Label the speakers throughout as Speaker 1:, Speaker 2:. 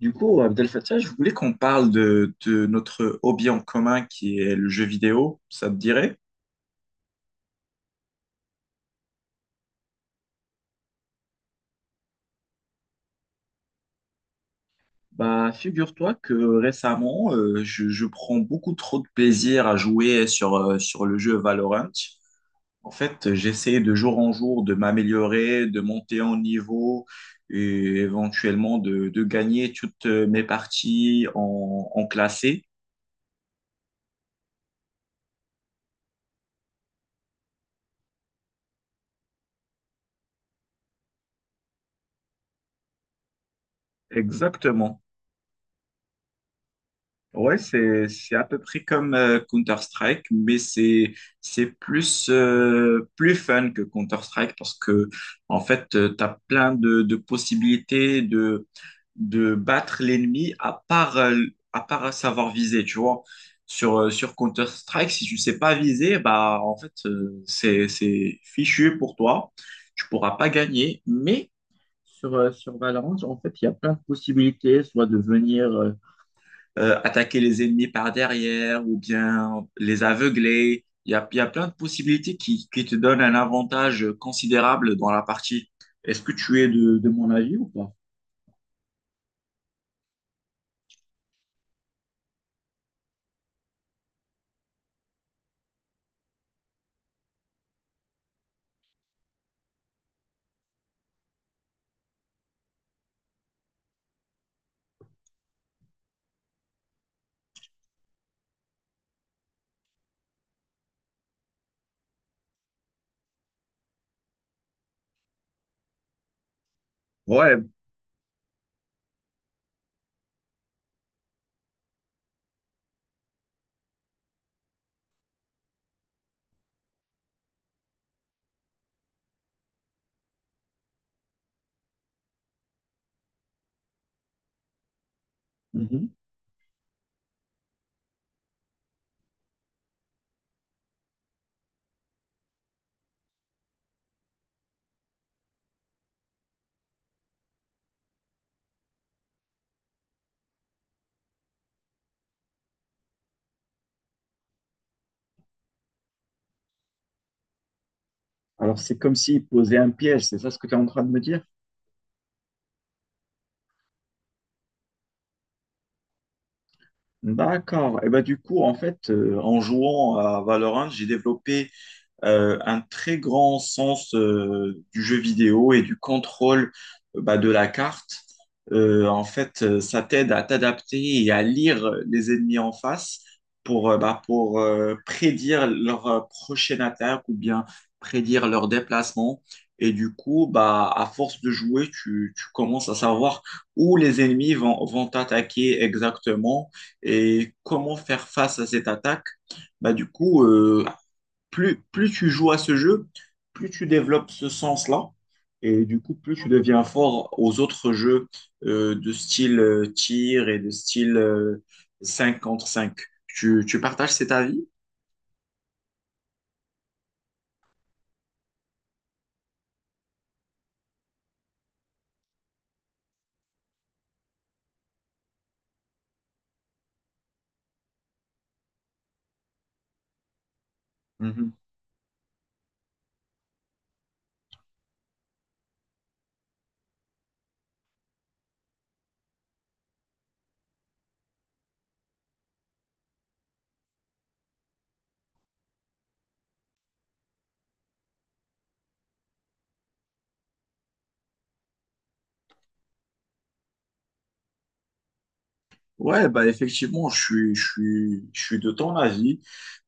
Speaker 1: Du coup, Abdel Fattah, je voulais qu'on parle de notre hobby en commun qui est le jeu vidéo, ça te dirait? Bah, figure-toi que récemment, je prends beaucoup trop de plaisir à jouer sur le jeu Valorant. En fait, j'essaie de jour en jour de m'améliorer, de monter en niveau et éventuellement de gagner toutes mes parties en classé. Exactement. Ouais, c'est à peu près comme Counter-Strike, mais c'est plus plus fun que Counter-Strike parce que en fait, tu as plein de possibilités de battre l'ennemi à part savoir viser, tu vois. Sur sur Counter-Strike, si tu sais pas viser, bah en fait, c'est fichu pour toi. Tu pourras pas gagner, mais sur, sur Valorant, en fait, il y a plein de possibilités, soit de venir attaquer les ennemis par derrière ou bien les aveugler. Il y a plein de possibilités qui te donnent un avantage considérable dans la partie. Est-ce que tu es de mon avis ou pas? Ouais. Mhm. Alors, c'est comme s'il posait un piège, c'est ça ce que tu es en train de me dire? D'accord. Et ben du coup, en fait, en jouant à Valorant, j'ai développé un très grand sens du jeu vidéo et du contrôle bah, de la carte. En fait, ça t'aide à t'adapter et à lire les ennemis en face pour, bah, pour prédire leur prochaine attaque ou bien prédire leur déplacement. Et du coup, bah, à force de jouer, tu commences à savoir où les ennemis vont t'attaquer exactement et comment faire face à cette attaque. Bah, du coup, plus tu joues à ce jeu, plus tu développes ce sens-là. Et du coup, plus tu deviens fort aux autres jeux de style tir et de style 5 contre cinq. Tu partages cet avis? Mhm. Ouais, bah effectivement, je suis de ton avis.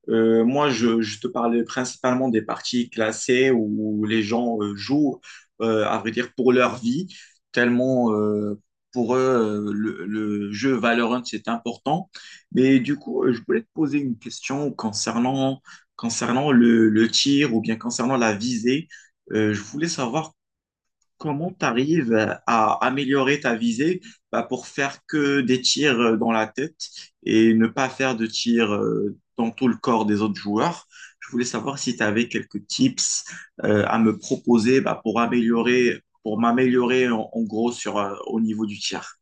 Speaker 1: Moi, je te parlais principalement des parties classées où les gens jouent, à vrai dire, pour leur vie, tellement pour eux, le jeu Valorant, c'est important. Mais du coup, je voulais te poser une question concernant le tir ou bien concernant la visée. Je voulais savoir comment tu arrives à améliorer ta visée bah, pour faire que des tirs dans la tête et ne pas faire de tirs dans tout le corps des autres joueurs? Je voulais savoir si tu avais quelques tips à me proposer bah, pour améliorer, pour m'améliorer en gros sur, au niveau du tir.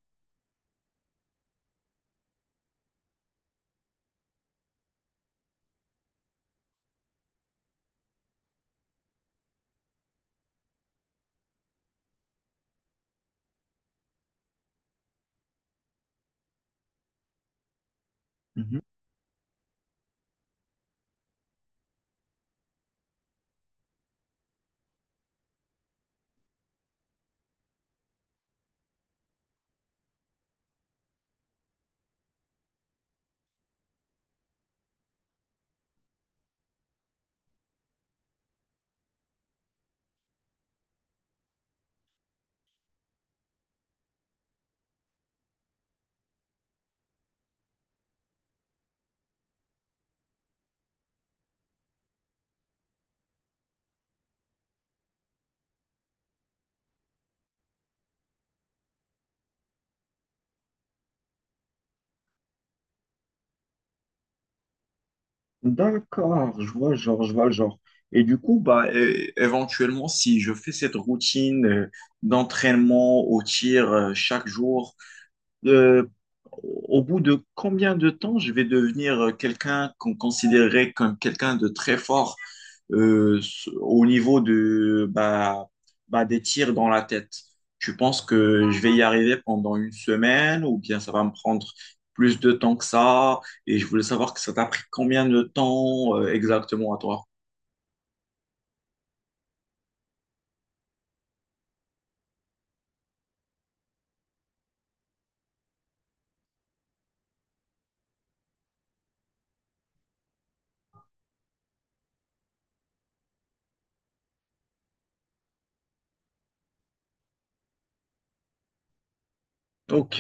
Speaker 1: Mhm. D'accord, je vois le genre, je vois le genre. Et du coup, bah, éventuellement, si je fais cette routine d'entraînement au tir chaque jour, euh, au bout de combien de temps je vais devenir quelqu'un qu'on considérait comme quelqu'un de très fort euh, au niveau de, bah, bah, des tirs dans la tête? Tu penses que je vais y arriver pendant une semaine ou bien ça va me prendre plus de temps que ça? Et je voulais savoir que ça t'a pris combien de temps exactement à toi? Ok,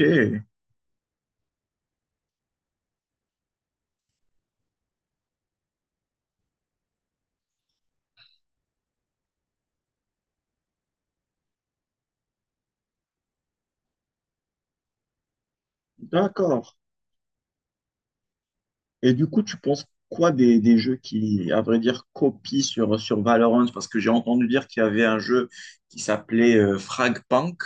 Speaker 1: d'accord. Et du coup, tu penses quoi des jeux qui, à vrai dire, copient sur Valorant? Parce que j'ai entendu dire qu'il y avait un jeu qui s'appelait Fragpunk.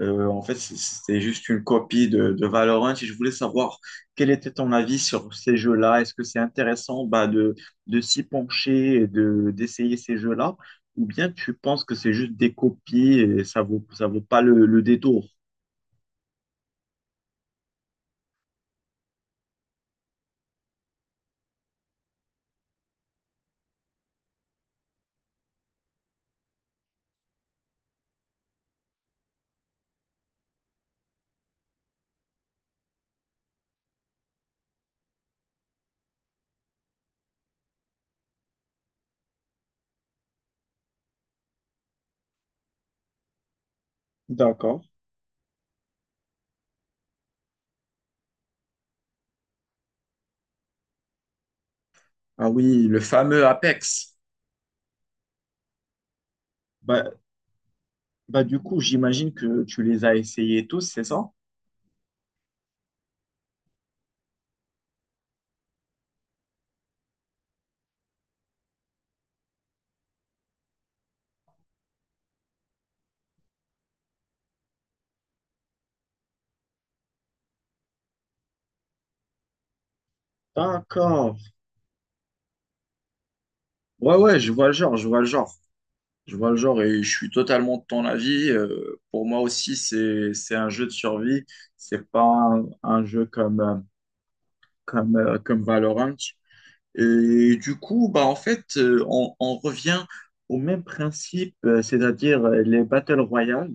Speaker 1: En fait, c'était juste une copie de Valorant. Et je voulais savoir quel était ton avis sur ces jeux-là. Est-ce que c'est intéressant bah, de s'y pencher et de, d'essayer ces jeux-là? Ou bien tu penses que c'est juste des copies et ça vaut pas le détour? D'accord. Ah oui, le fameux Apex. Bah, du coup, j'imagine que tu les as essayés tous, c'est ça? D'accord. Ouais, ouais, je vois le genre, je vois le genre. Je vois le genre et je suis totalement de ton avis. Pour moi aussi, c'est un jeu de survie. C'est pas un jeu comme, comme, comme Valorant. Et du coup, bah, en fait, on revient au même principe, c'est-à-dire les Battle Royale.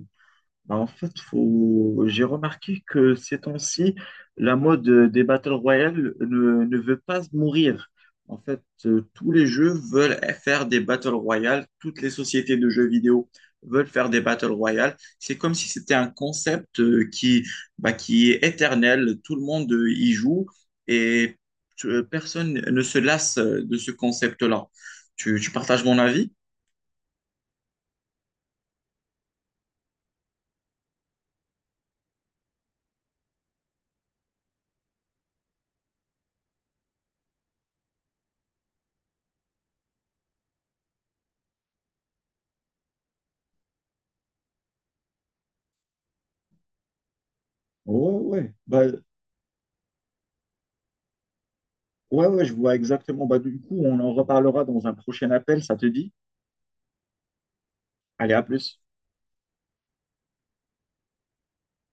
Speaker 1: Bah, en fait, faut... j'ai remarqué que ces temps-ci, la mode des Battle Royale ne veut pas mourir. En fait, tous les jeux veulent faire des Battle Royale, toutes les sociétés de jeux vidéo veulent faire des Battle Royale. C'est comme si c'était un concept qui, bah, qui est éternel, tout le monde y joue et personne ne se lasse de ce concept-là. Tu partages mon avis? Ouais, ouais. Bah, ouais, ouais, je vois exactement. Bah, du coup, on en reparlera dans un prochain appel, ça te dit? Allez, à plus.